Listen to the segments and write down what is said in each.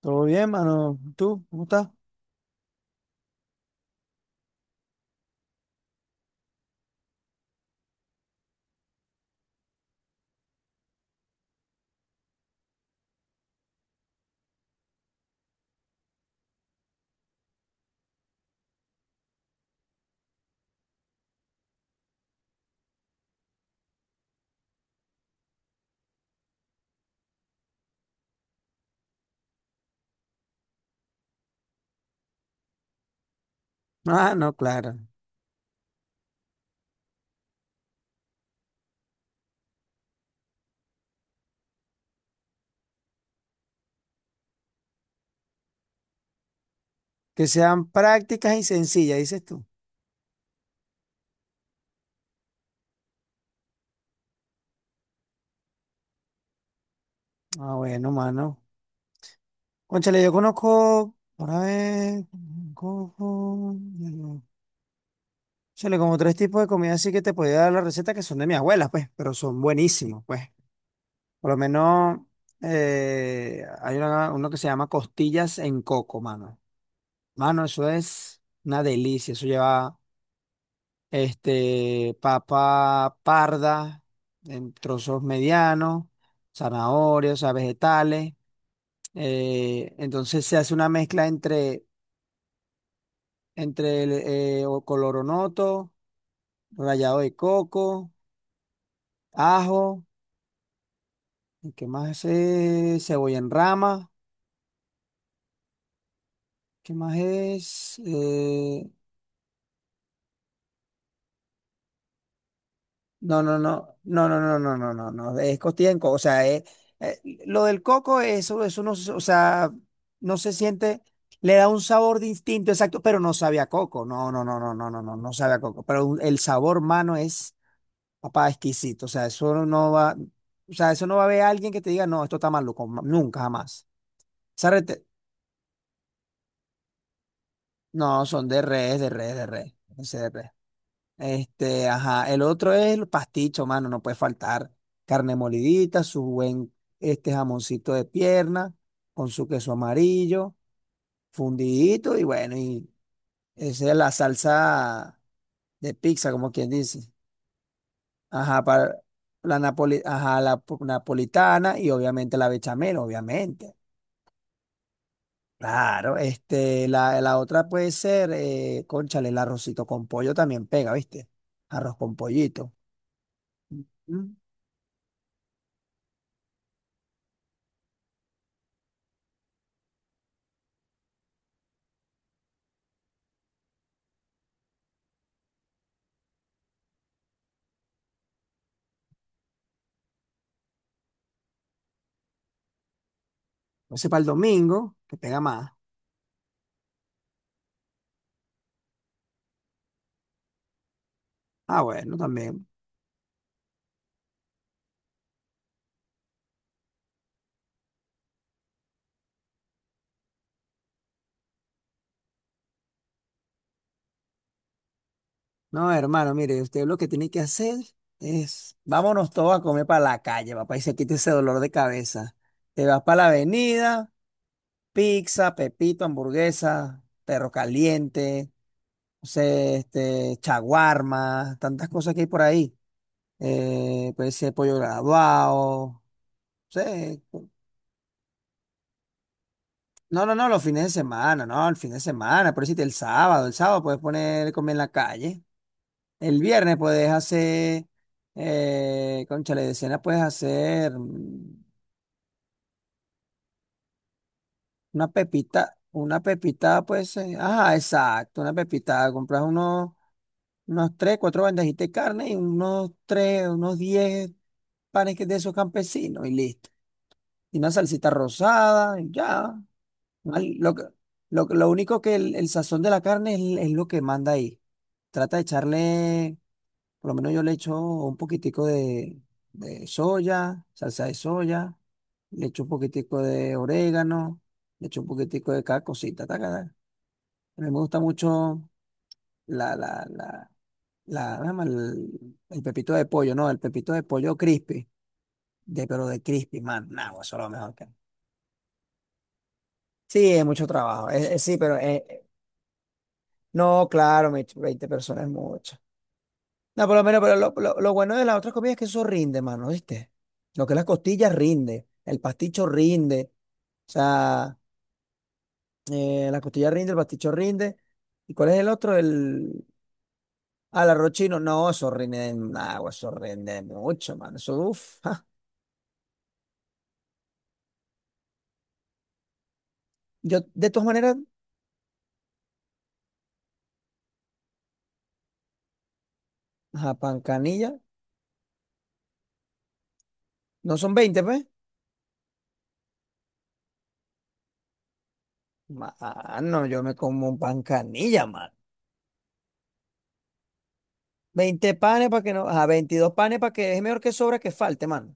Todo bien, mano. ¿Tú? ¿Cómo estás? Ah, no, claro. Que sean prácticas y sencillas, dices tú. Ah, bueno, mano. Cónchale, yo conozco, para ver, conozco, cónchale como tres tipos de comida así que te podía dar la receta que son de mi abuela, pues, pero son buenísimos, pues. Por lo menos hay uno que se llama costillas en coco, mano. Mano, eso es una delicia. Eso lleva este, papa parda en trozos medianos, zanahorias, o sea, vegetales. Entonces se hace una mezcla entre, entre el coloronoto, rallado de coco, ajo, ¿Y qué más es? Cebolla en rama, ¿qué más es? No, no, no, no, no, no, no, no, no, no, es costilla en coco, o sea, eh, lo del coco, eso no, o sea, no se siente, le da un sabor distinto, exacto, pero no sabe a coco, no, no, no, no, no, no, no, no sabe a coco, pero el sabor, mano, es, papá, exquisito, o sea, eso no va, o sea, eso no va a haber alguien que te diga, no, esto está maluco, nunca, jamás. Esa rete- no, son de res, de res, de res, ese de res. Este, ajá. El otro es el pasticho, mano, no puede faltar. Carne molidita, su buen este jamoncito de pierna, con su queso amarillo, fundidito, y bueno, y esa es la salsa de pizza, como quien dice. Ajá, para ajá, napolitana y obviamente la bechamel, obviamente. Claro, este, la otra puede ser, cónchale, el arrocito con pollo también pega, ¿viste? Arroz con pollito. Mm. No sé, para el domingo, que pega más. Ah, bueno, también. No, hermano, mire, usted lo que tiene que hacer es, vámonos todos a comer para la calle, papá, y se quita ese dolor de cabeza. Te vas para la avenida, pizza, pepito, hamburguesa, perro caliente, no sé, este, chaguarma, tantas cosas que hay por ahí. Puede ser pollo graduado, no sé. No, no, no, los fines de semana, no, el fin de semana, por decirte, el sábado puedes poner comer en la calle. El viernes puedes hacer, cónchale, de cena puedes hacer una pepita, pues, ajá, exacto, una pepita. Compras unos, unos tres, cuatro bandejitas de carne y unos tres, unos 10 panes de esos campesinos y listo. Y una salsita rosada y ya. Al- Lo, que- lo único que el sazón de la carne es lo que manda ahí. Trata de echarle. Por lo menos yo le echo un poquitico de soya, salsa de soya, le echo un poquitico de orégano, le echo un poquitico de cada cosita. Taca, taca. A mí me gusta mucho la, la, la, ¿cómo se llama? El pepito de pollo, ¿no? El pepito de pollo crispy, de, pero de crispy, man, no, eso es lo mejor que hay. Sí, es mucho trabajo, sí, pero no, claro, 20 personas es mucho. No, por lo menos, pero lo bueno de las otras comidas es que eso rinde, mano, ¿viste? Lo que es las costillas rinde, el pasticho rinde, o sea, la costilla rinde, el pasticho rinde. ¿Y cuál es el otro? El... Ah, el arroz chino. No, eso rinde en agua, eso rinde mucho, mano. Eso, uff. Yo, de todas maneras, ajá, pan canilla, no son 20 pues. Mano, yo me como un pan canilla, mano. Veinte panes para que no, a 22 panes para que es mejor que sobra que falte, mano.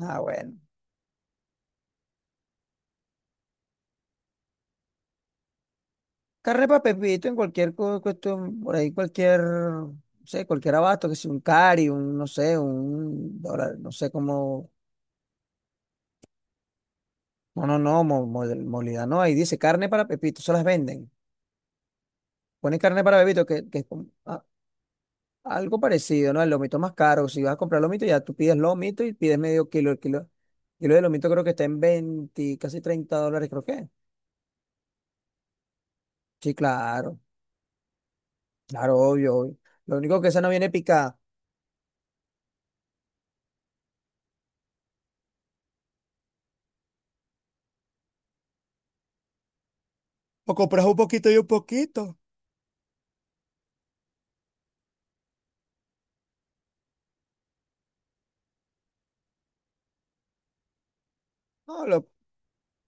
Ah, bueno. Carrepa Pepito en cualquier cuestión, por ahí cualquier, no sé, cualquier abasto, que sea un cari, un, no sé, un dólar, no sé cómo, no, no, no, molida, no, ahí dice carne para Pepito, se las venden. Ponen carne para Pepito, que es algo parecido, ¿no? El lomito es más caro, si vas a comprar lomito, ya tú pides lomito y pides medio kilo, el kilo, kilo de lomito creo que está en 20, casi $30, creo que. Sí, claro, claro, obvio, obvio. Lo único que esa no viene picada. O compras un poquito y un poquito. No.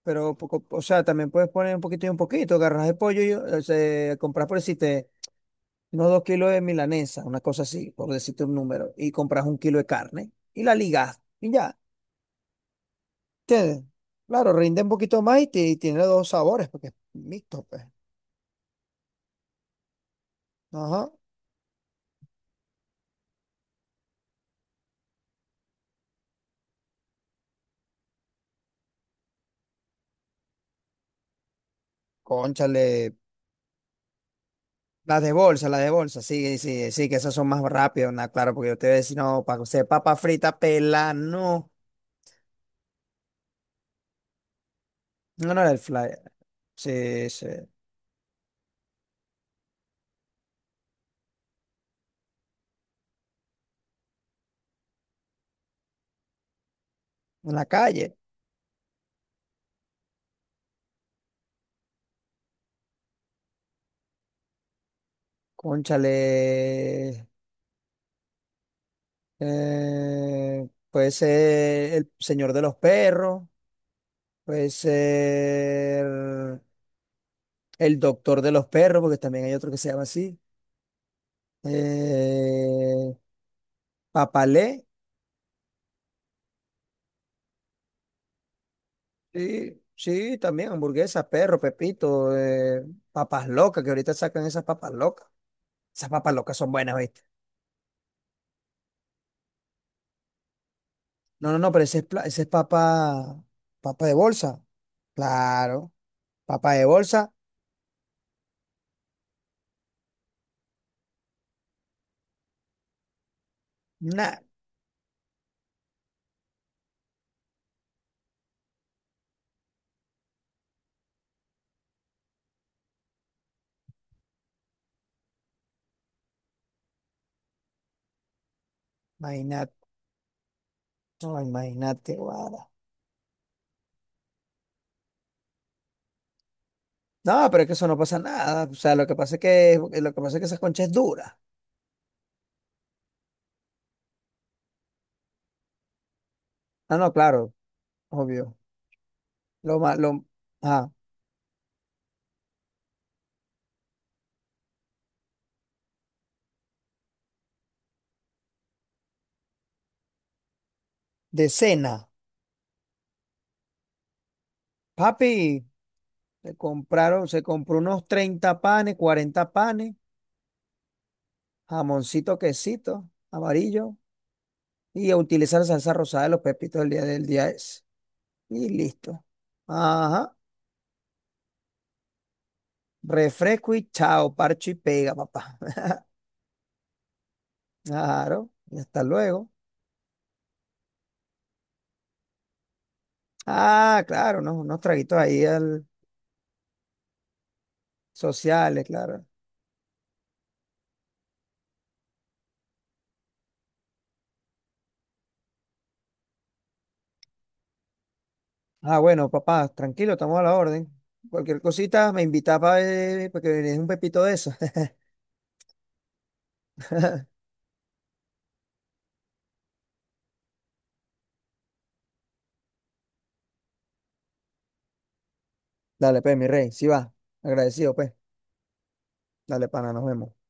Pero, poco, o sea, también puedes poner un poquito y un poquito. Agarras el pollo y o sea, compras por decirte unos 2 kilos de milanesa, una cosa así, por decirte un número, y compras un kilo de carne y la ligas y ya. ¿Entiendes? Claro, rinde un poquito más y, tiene dos sabores porque es mixto, pues. Ajá. Cónchale. Las de bolsa, sí, sí, sí, que esas son más rápidas, nah, claro, porque yo te voy a decir, no, para hacer papa frita, pela, no. No, no era el flyer. Sí, sí. En la calle. Cónchale, puede ser el señor de los perros, puede ser el doctor de los perros, porque también hay otro que se llama así. Eh, Papalé, sí, sí, también hamburguesas, perro, Pepito, papas locas, que ahorita sacan esas papas locas. Esas papas locas son buenas, ¿viste? No, no, no, pero ese es papa, papa de bolsa. Claro, papa de bolsa, nada. No, imagínate, guada. No, pero es que eso no pasa nada. O sea, lo que pasa es que, lo que pasa es que esa concha es dura. Ah, no, claro, obvio. Lo más, lo, ah, de cena. Papi, se compró unos 30 panes, 40 panes, jamoncito, quesito, amarillo, y a utilizar salsa rosada de los pepitos del día ese. Y listo. Ajá. Refresco y chao, parcho y pega, papá. Claro, y hasta luego. Ah, claro, ¿no? Unos traguitos ahí. Sociales, claro. Ah, bueno, papá, tranquilo, estamos a la orden. Cualquier cosita me invita para ver, porque es un pepito de eso. Dale, pues, mi rey, sí va. Agradecido, pues. Dale, pana, nos vemos.